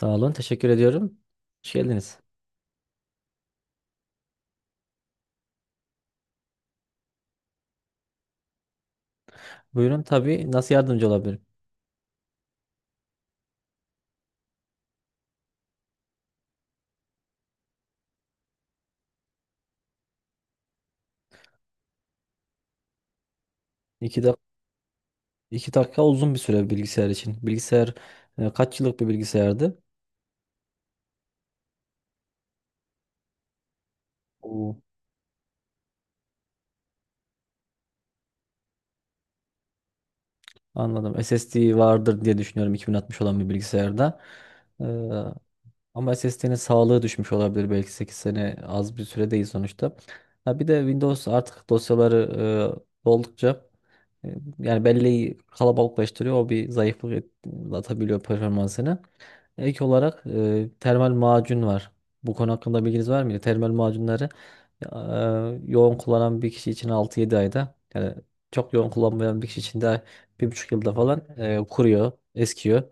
Sağ olun. Teşekkür ediyorum. Hoş geldiniz. Buyurun tabii. Nasıl yardımcı olabilirim? İki, dak 2 dakika uzun bir süre bilgisayar için. Bilgisayar kaç yıllık bir bilgisayardı? Oo. Anladım. SSD vardır diye düşünüyorum 2060 olan bir bilgisayarda. Ee, ama SSD'nin sağlığı düşmüş olabilir. Belki 8 sene az bir süre değil sonuçta. Ha, bir de Windows artık dosyaları oldukça yani belleği kalabalıklaştırıyor. O bir zayıflık atabiliyor performansını. Ek olarak termal macun var. Bu konu hakkında bilginiz var mıydı? Termal macunları yoğun kullanan bir kişi için 6-7 ayda yani çok yoğun kullanmayan bir kişi için de 1,5 yılda falan kuruyor, eskiyor.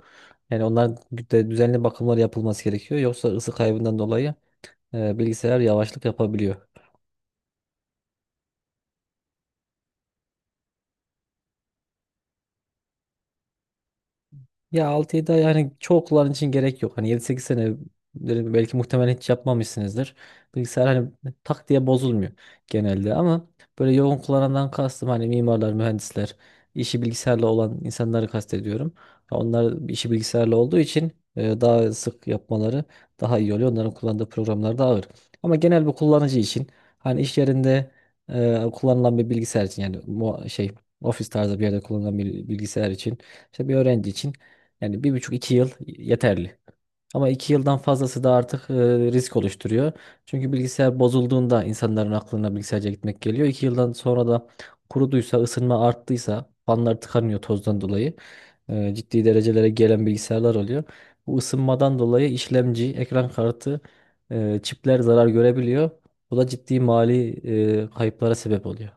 Yani onların de düzenli bakımlar yapılması gerekiyor. Yoksa ısı kaybından dolayı bilgisayar yavaşlık yapabiliyor. Ya, 6-7 ay hani çoğu kullanıcı için gerek yok. Hani 7-8 sene belki muhtemelen hiç yapmamışsınızdır. Bilgisayar hani tak diye bozulmuyor genelde ama böyle yoğun kullanandan kastım hani mimarlar, mühendisler, işi bilgisayarla olan insanları kastediyorum. Ya onlar işi bilgisayarla olduğu için daha sık yapmaları daha iyi oluyor. Onların kullandığı programlar daha ağır. Ama genel bir kullanıcı için hani iş yerinde kullanılan bir bilgisayar için yani şey, ofis tarzı bir yerde kullanılan bir bilgisayar için işte bir öğrenci için yani 1,5-2 yıl yeterli. Ama 2 yıldan fazlası da artık risk oluşturuyor. Çünkü bilgisayar bozulduğunda insanların aklına bilgisayarca gitmek geliyor. İki yıldan sonra da kuruduysa, ısınma arttıysa, fanlar tıkanıyor tozdan dolayı. Ciddi derecelere gelen bilgisayarlar oluyor. Bu ısınmadan dolayı işlemci, ekran kartı, çipler zarar görebiliyor. Bu da ciddi mali kayıplara sebep oluyor.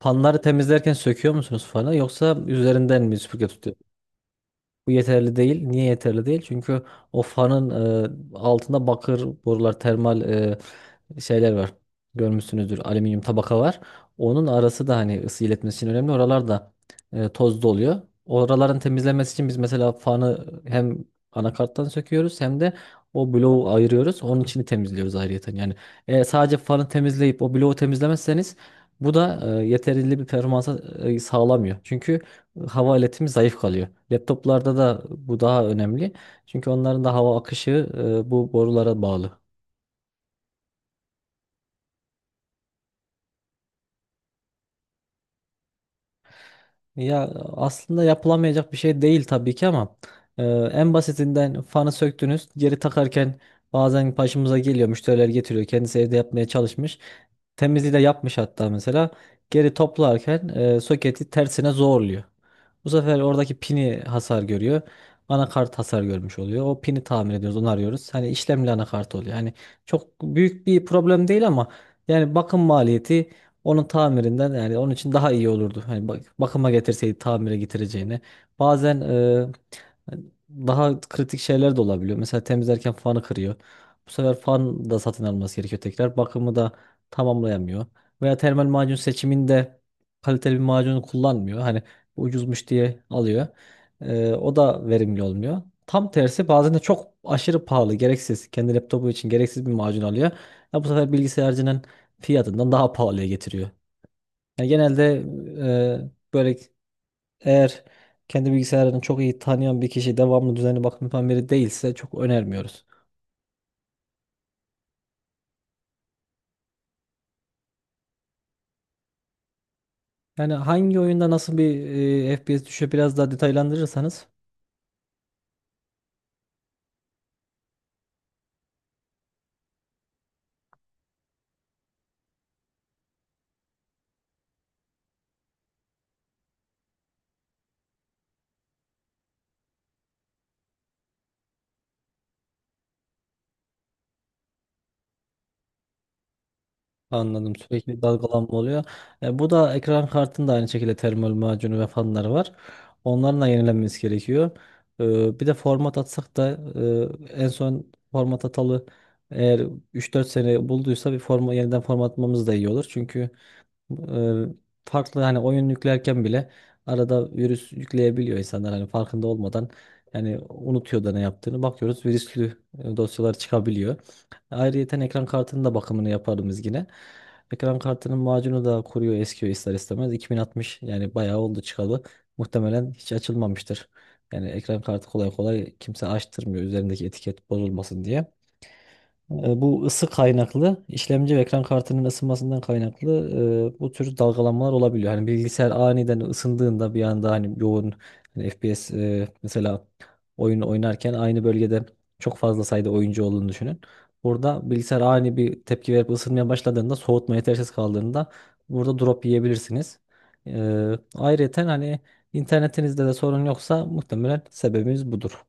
Fanları temizlerken söküyor musunuz fanı, yoksa üzerinden mi süpürge tutuyorsunuz? Bu yeterli değil. Niye yeterli değil? Çünkü o fanın altında bakır borular, termal şeyler var. Görmüşsünüzdür. Alüminyum tabaka var. Onun arası da hani ısı iletmesi için önemli. Oralar da tozlu oluyor. Oraların temizlenmesi için biz mesela fanı hem anakarttan söküyoruz, hem de o bloğu ayırıyoruz. Onun içini temizliyoruz ayrıyeten. Yani sadece fanı temizleyip o bloğu temizlemezseniz bu da yeterli bir performansa sağlamıyor. Çünkü hava iletimi zayıf kalıyor. Laptoplarda da bu daha önemli. Çünkü onların da hava akışı bu borulara bağlı. Ya aslında yapılamayacak bir şey değil tabii ki, ama en basitinden fanı söktünüz, geri takarken bazen başımıza geliyor, müşteriler getiriyor, kendisi evde yapmaya çalışmış, temizliği de yapmış hatta, mesela geri toplarken soketi tersine zorluyor. Bu sefer oradaki pini hasar görüyor, anakart hasar görmüş oluyor, o pini tamir ediyoruz, onu arıyoruz, hani işlemli anakart oluyor yani. Çok büyük bir problem değil, ama yani bakım maliyeti onun tamirinden yani onun için daha iyi olurdu. Hani bak, bakıma getirseydi tamire getireceğine. Bazen daha kritik şeyler de olabiliyor. Mesela temizlerken fanı kırıyor. Bu sefer fan da satın alması gerekiyor tekrar. Bakımı da tamamlayamıyor. Veya termal macun seçiminde kaliteli bir macunu kullanmıyor. Hani ucuzmuş diye alıyor. O da verimli olmuyor. Tam tersi, bazen de çok aşırı pahalı, gereksiz. Kendi laptopu için gereksiz bir macun alıyor. Ya bu sefer bilgisayarcının fiyatından daha pahalıya getiriyor. Yani genelde böyle, eğer kendi bilgisayarını çok iyi tanıyan bir kişi, devamlı düzenli bakım yapan biri değilse çok önermiyoruz. Yani hangi oyunda nasıl bir FPS düşüyor, biraz daha detaylandırırsanız. Anladım. Sürekli dalgalanma oluyor. Bu da ekran kartında aynı şekilde termal macunu ve fanları var. Onların da yenilenmesi gerekiyor. Bir de format atsak da, en son format atalı eğer 3-4 sene bulduysa bir forma, yeniden formatlamamız da iyi olur. Çünkü Eee, farklı hani, oyun yüklerken bile arada virüs yükleyebiliyor insanlar hani farkında olmadan, yani unutuyor da ne yaptığını, bakıyoruz virüslü dosyalar çıkabiliyor. Ayrıyeten ekran kartının da bakımını yaparım biz yine. Ekran kartının macunu da kuruyor, eskiyor ister istemez. 2060 yani bayağı oldu çıkalı. Muhtemelen hiç açılmamıştır. Yani ekran kartı kolay kolay kimse açtırmıyor, üzerindeki etiket bozulmasın diye. Bu ısı kaynaklı, işlemci ve ekran kartının ısınmasından kaynaklı bu tür dalgalanmalar olabiliyor. Hani bilgisayar aniden ısındığında, bir anda hani yoğun hani FPS, mesela oyun oynarken aynı bölgede çok fazla sayıda oyuncu olduğunu düşünün. Burada bilgisayar ani bir tepki verip ısınmaya başladığında, soğutma yetersiz kaldığında burada drop yiyebilirsiniz. Ayrıca hani internetinizde de sorun yoksa muhtemelen sebebimiz budur.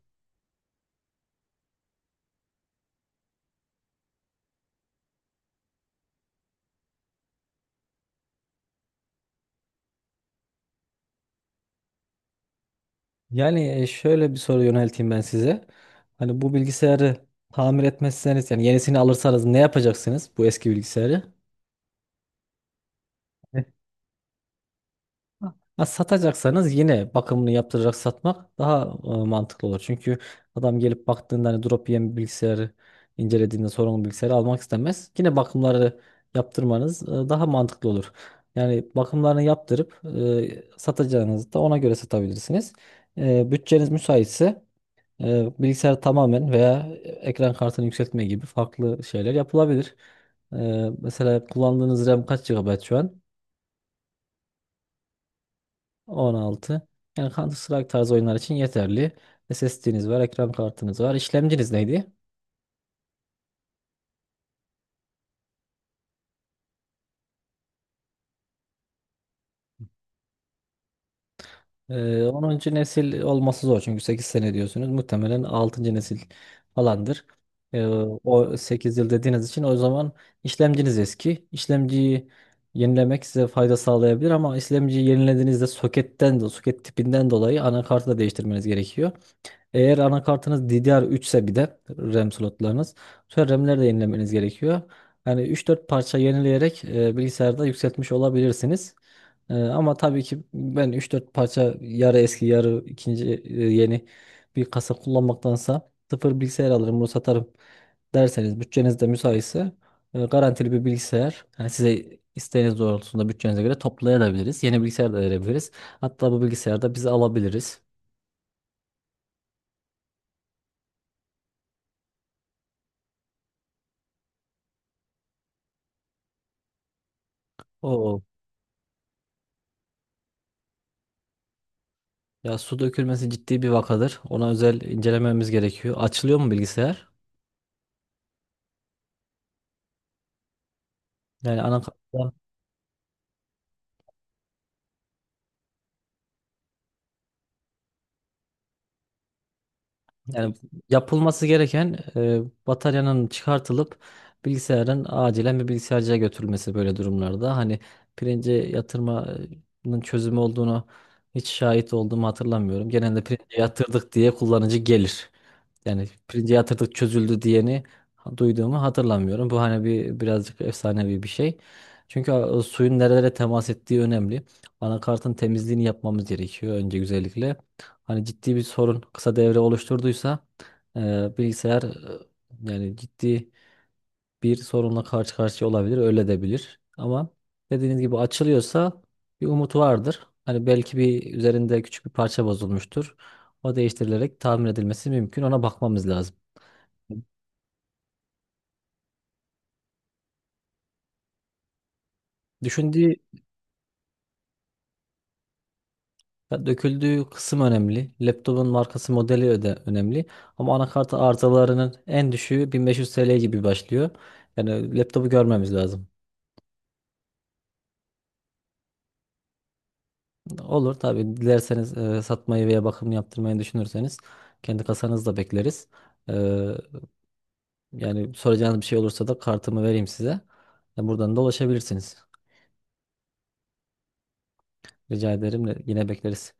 Yani şöyle bir soru yönelteyim ben size. Hani bu bilgisayarı tamir etmezseniz, yani yenisini alırsanız ne yapacaksınız bu eski bilgisayarı? Evet. Ha, satacaksanız yine bakımını yaptıracak satmak daha mantıklı olur. Çünkü adam gelip baktığında hani drop yiyen bir bilgisayarı incelediğinde, sorunlu bilgisayarı almak istemez. Yine bakımları yaptırmanız daha mantıklı olur. Yani bakımlarını yaptırıp satacağınızı da ona göre satabilirsiniz. Bütçeniz müsaitse bilgisayar tamamen veya ekran kartını yükseltme gibi farklı şeyler yapılabilir. E, mesela kullandığınız RAM kaç GB şu an? 16. Yani Counter Strike tarzı oyunlar için yeterli. SSD'niz var, ekran kartınız var. İşlemciniz neydi? 10. nesil olması zor, çünkü 8 sene diyorsunuz. Muhtemelen altıncı nesil falandır. Ee, o 8 yıl dediğiniz için o zaman işlemciniz eski. İşlemciyi yenilemek size fayda sağlayabilir, ama işlemciyi yenilediğinizde soketten de, soket tipinden dolayı anakartı da değiştirmeniz gerekiyor. Eğer anakartınız DDR3 ise, bir de RAM slotlarınız. Sonra RAM'leri de yenilemeniz gerekiyor. Yani 3-4 parça yenileyerek bilgisayarda yükseltmiş olabilirsiniz. Ama tabii ki ben 3-4 parça yarı eski yarı ikinci yeni bir kasa kullanmaktansa sıfır bilgisayar alırım, bunu satarım derseniz, bütçeniz de müsaitse garantili bir bilgisayar, yani size isteğiniz doğrultusunda bütçenize göre toplayabiliriz. Yeni bilgisayar da verebiliriz. Hatta bu bilgisayarda biz alabiliriz. O Ya, su dökülmesi ciddi bir vakadır. Ona özel incelememiz gerekiyor. Açılıyor mu bilgisayar? Yani anakartta, yani yapılması gereken bataryanın çıkartılıp bilgisayarın acilen bir bilgisayarcıya götürülmesi böyle durumlarda. Hani pirince yatırmanın çözümü olduğunu hiç şahit olduğumu hatırlamıyorum. Genelde pirince yatırdık diye kullanıcı gelir. Yani pirince yatırdık, çözüldü diyeni duyduğumu hatırlamıyorum. Bu hani bir birazcık efsanevi bir şey. Çünkü suyun nerelere temas ettiği önemli. Anakartın temizliğini yapmamız gerekiyor önce güzellikle. Hani ciddi bir sorun, kısa devre oluşturduysa bilgisayar yani ciddi bir sorunla karşı karşıya olabilir, öyle de bilir. Ama dediğiniz gibi açılıyorsa bir umut vardır. Hani belki bir üzerinde küçük bir parça bozulmuştur. O değiştirilerek tamir edilmesi mümkün. Ona bakmamız lazım. Düşündüğü ya, döküldüğü kısım önemli. Laptopun markası, modeli öde önemli. Ama anakarta arızalarının en düşüğü 1500 TL gibi başlıyor. Yani laptopu görmemiz lazım. Olur tabii, dilerseniz satmayı veya bakım yaptırmayı düşünürseniz kendi kasanızda bekleriz. E, yani soracağınız bir şey olursa da kartımı vereyim size. Ya, buradan da ulaşabilirsiniz. Rica ederim. Yine bekleriz.